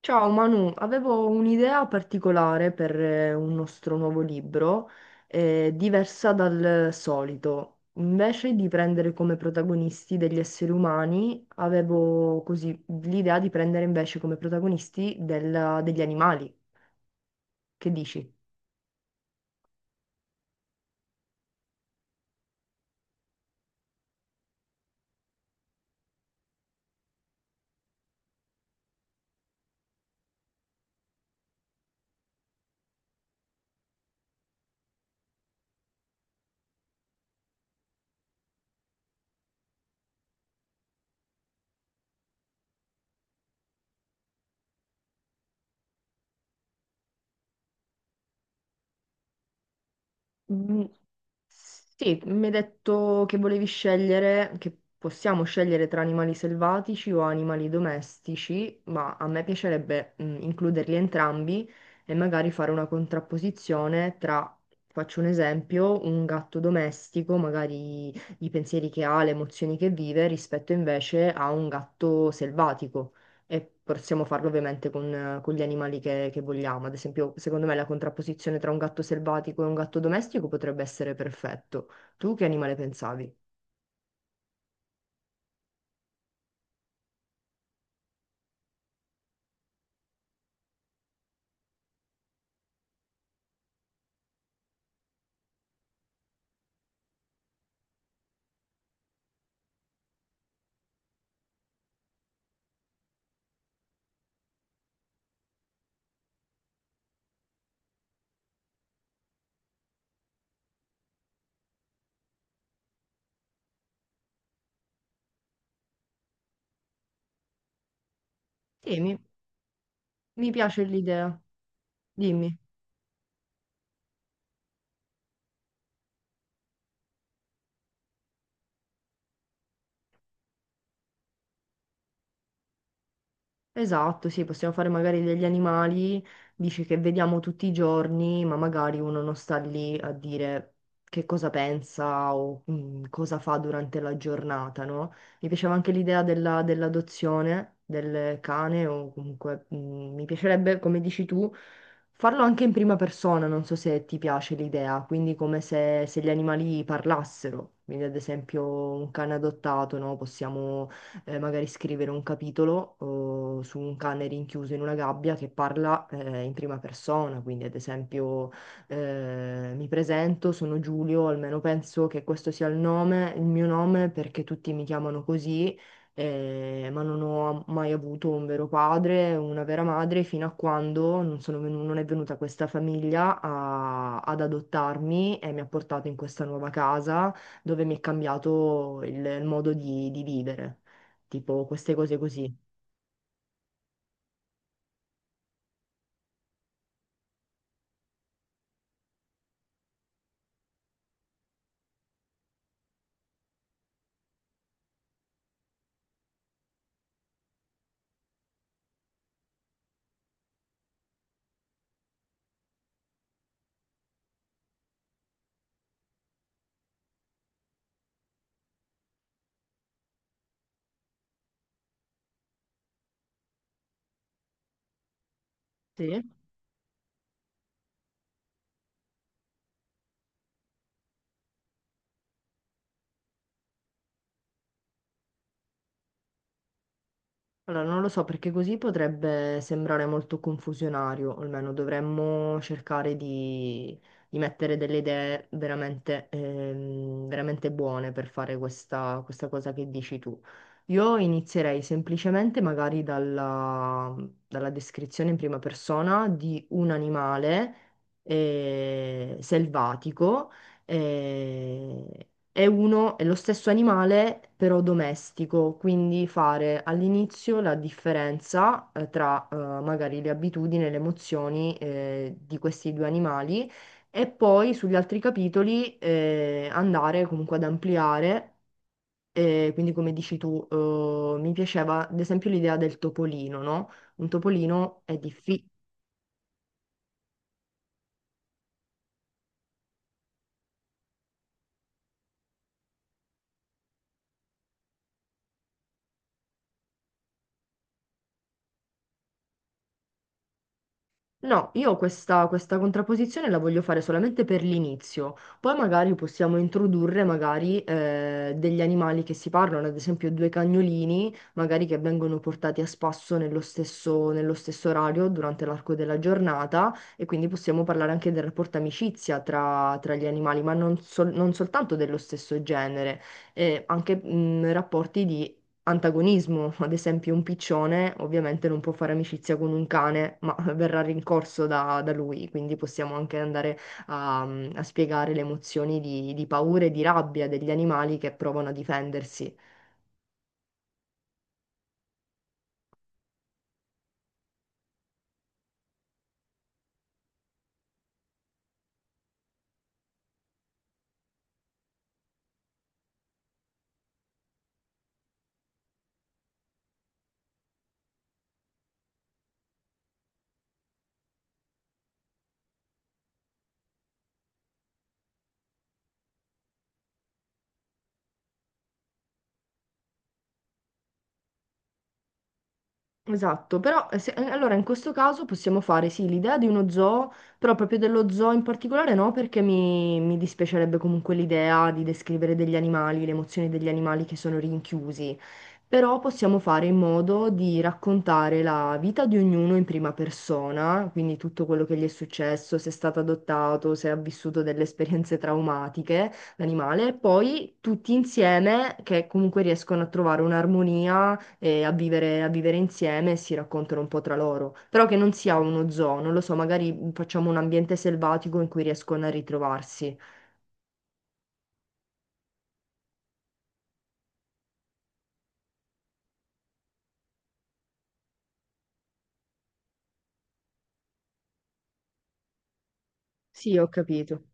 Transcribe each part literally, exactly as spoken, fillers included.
Ciao Manu, avevo un'idea particolare per eh, un nostro nuovo libro, eh, diversa dal solito. Invece di prendere come protagonisti degli esseri umani, avevo così l'idea di prendere invece come protagonisti della- degli animali. Che dici? Mm, Sì, mi hai detto che volevi scegliere, che possiamo scegliere tra animali selvatici o animali domestici, ma a me piacerebbe mm, includerli entrambi e magari fare una contrapposizione tra, faccio un esempio, un gatto domestico, magari i pensieri che ha, le emozioni che vive, rispetto invece a un gatto selvatico. E possiamo farlo ovviamente con, eh, con gli animali che, che vogliamo. Ad esempio, secondo me la contrapposizione tra un gatto selvatico e un gatto domestico potrebbe essere perfetto. Tu che animale pensavi? Sì, mi, mi piace l'idea. Dimmi. Esatto, sì, possiamo fare magari degli animali, dici che vediamo tutti i giorni, ma magari uno non sta lì a dire che cosa pensa o mm, cosa fa durante la giornata, no? Mi piaceva anche l'idea della- dell'adozione del cane o comunque mm, mi piacerebbe, come dici tu, farlo anche in prima persona, non so se ti piace l'idea, quindi come se, se gli animali parlassero, quindi ad esempio un cane adottato, no? Possiamo eh, magari scrivere un capitolo o su un cane rinchiuso in una gabbia che parla eh, in prima persona, quindi ad esempio eh, mi presento, sono Giulio, almeno penso che questo sia il nome, il mio nome perché tutti mi chiamano così. Eh, ma non ho mai avuto un vero padre, una vera madre, fino a quando non sono venu- non è venuta questa famiglia a- ad adottarmi e mi ha portato in questa nuova casa dove mi è cambiato il, il modo di, di vivere, tipo queste cose così. Sì. Allora, non lo so perché così potrebbe sembrare molto confusionario, o almeno dovremmo cercare di, di mettere delle idee veramente, ehm, veramente buone per fare questa, questa cosa che dici tu. Io inizierei semplicemente magari dalla, dalla descrizione in prima persona di un animale eh, selvatico. eh, È uno, è lo stesso animale, però domestico, quindi fare all'inizio la differenza eh, tra eh, magari le abitudini e le emozioni eh, di questi due animali e poi sugli altri capitoli eh, andare comunque ad ampliare. Eh, quindi come dici tu, eh, mi piaceva ad esempio l'idea del topolino, no? Un topolino è difficile. No, io questa, questa contrapposizione la voglio fare solamente per l'inizio, poi magari possiamo introdurre magari eh, degli animali che si parlano, ad esempio due cagnolini, magari che vengono portati a spasso nello stesso, nello stesso orario durante l'arco della giornata e quindi possiamo parlare anche del rapporto amicizia tra, tra gli animali, ma non, sol- non soltanto dello stesso genere, eh, anche mh, rapporti antagonismo, ad esempio un piccione ovviamente non può fare amicizia con un cane, ma verrà rincorso da, da lui, quindi possiamo anche andare a, a spiegare le emozioni di, di paura e di rabbia degli animali che provano a difendersi. Esatto, però eh, se- eh, allora in questo caso possiamo fare sì l'idea di uno zoo, però proprio dello zoo in particolare no, perché mi, mi dispiacerebbe comunque l'idea di descrivere degli animali, le emozioni degli animali che sono rinchiusi, però possiamo fare in modo di raccontare la vita di ognuno in prima persona, quindi tutto quello che gli è successo, se è stato adottato, se ha vissuto delle esperienze traumatiche, l'animale, e poi tutti insieme che comunque riescono a trovare un'armonia eh, a vivere, a vivere insieme e si raccontano un po' tra loro. Però che non sia uno zoo, non lo so, magari facciamo un ambiente selvatico in cui riescono a ritrovarsi. Sì, ho capito.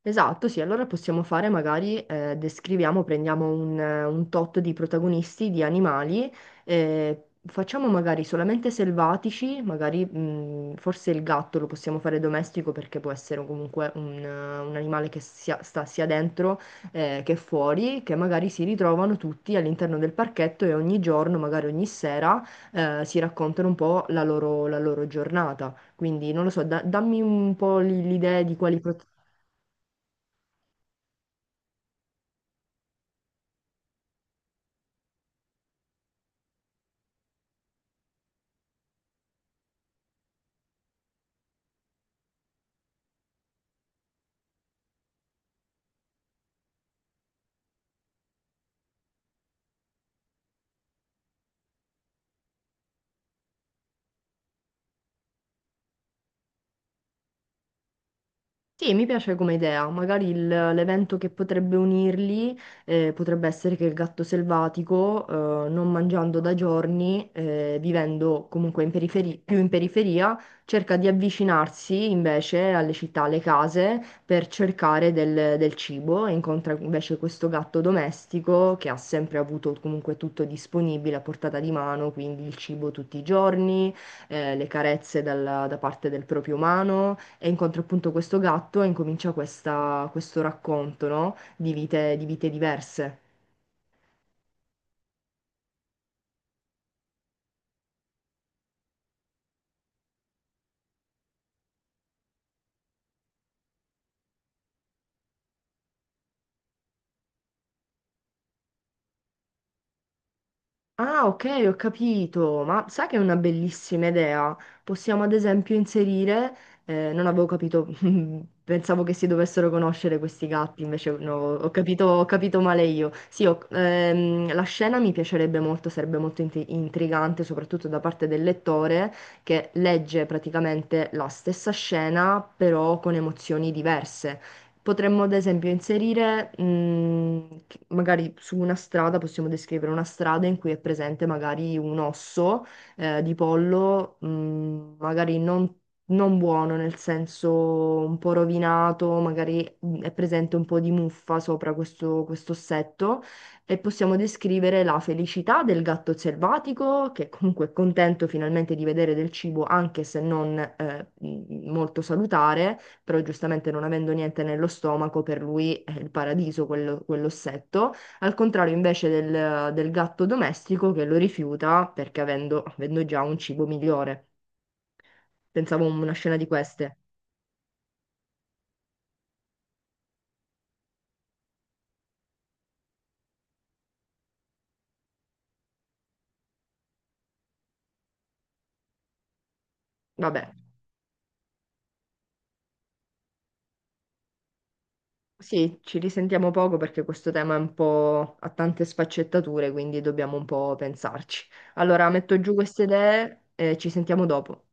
Esatto, sì, allora possiamo fare magari, eh, descriviamo, prendiamo un, eh, un tot di protagonisti, di animali, eh, facciamo magari solamente selvatici, magari mh, forse il gatto lo possiamo fare domestico perché può essere comunque un, eh, un animale che sia, sta sia dentro eh, che fuori, che magari si ritrovano tutti all'interno del parchetto e ogni giorno, magari ogni sera, eh, si raccontano un po' la loro, la loro giornata. Quindi non lo so, da- dammi un po' l- l'idea di quali... prot- Sì, mi piace come idea. Magari il- l'evento che potrebbe unirli eh, potrebbe essere che il gatto selvatico, eh, non mangiando da giorni, eh, vivendo comunque in periferi- più in periferia, cerca di avvicinarsi invece alle città, alle case, per cercare del, del cibo e incontra invece questo gatto domestico che ha sempre avuto comunque tutto disponibile a portata di mano, quindi il cibo tutti i giorni eh, le carezze dalla- da parte del proprio umano e incontra appunto questo gatto e incomincia questa- questo racconto, no? Di vite, di vite diverse. Ah, ok, ho capito, ma sai che è una bellissima idea. Possiamo ad esempio inserire, eh, non avevo capito, pensavo che si dovessero conoscere questi gatti, invece no, ho capito, ho capito male io. Sì, ho- ehm, la scena mi piacerebbe molto, sarebbe molto inti- intrigante, soprattutto da parte del lettore che legge praticamente la stessa scena, però con emozioni diverse. Potremmo ad esempio inserire, mh, che- magari su una strada, possiamo descrivere una strada in cui è presente magari un osso eh, di pollo, mh, magari non, non buono, nel senso un po' rovinato, magari mh, è presente un po' di muffa sopra questo, questo ossetto e possiamo descrivere la felicità del gatto selvatico, che comunque è contento finalmente di vedere del cibo, anche se non eh, mh, molto salutare, però giustamente non avendo niente nello stomaco, per lui è il paradiso quello- quell'ossetto, al contrario invece del, del gatto domestico che lo rifiuta perché avendo, avendo già un cibo migliore. Pensavo a una scena di queste. Vabbè, sì, ci risentiamo poco perché questo tema è un po' ha tante sfaccettature, quindi dobbiamo un po' pensarci. Allora, metto giù queste idee e ci sentiamo dopo.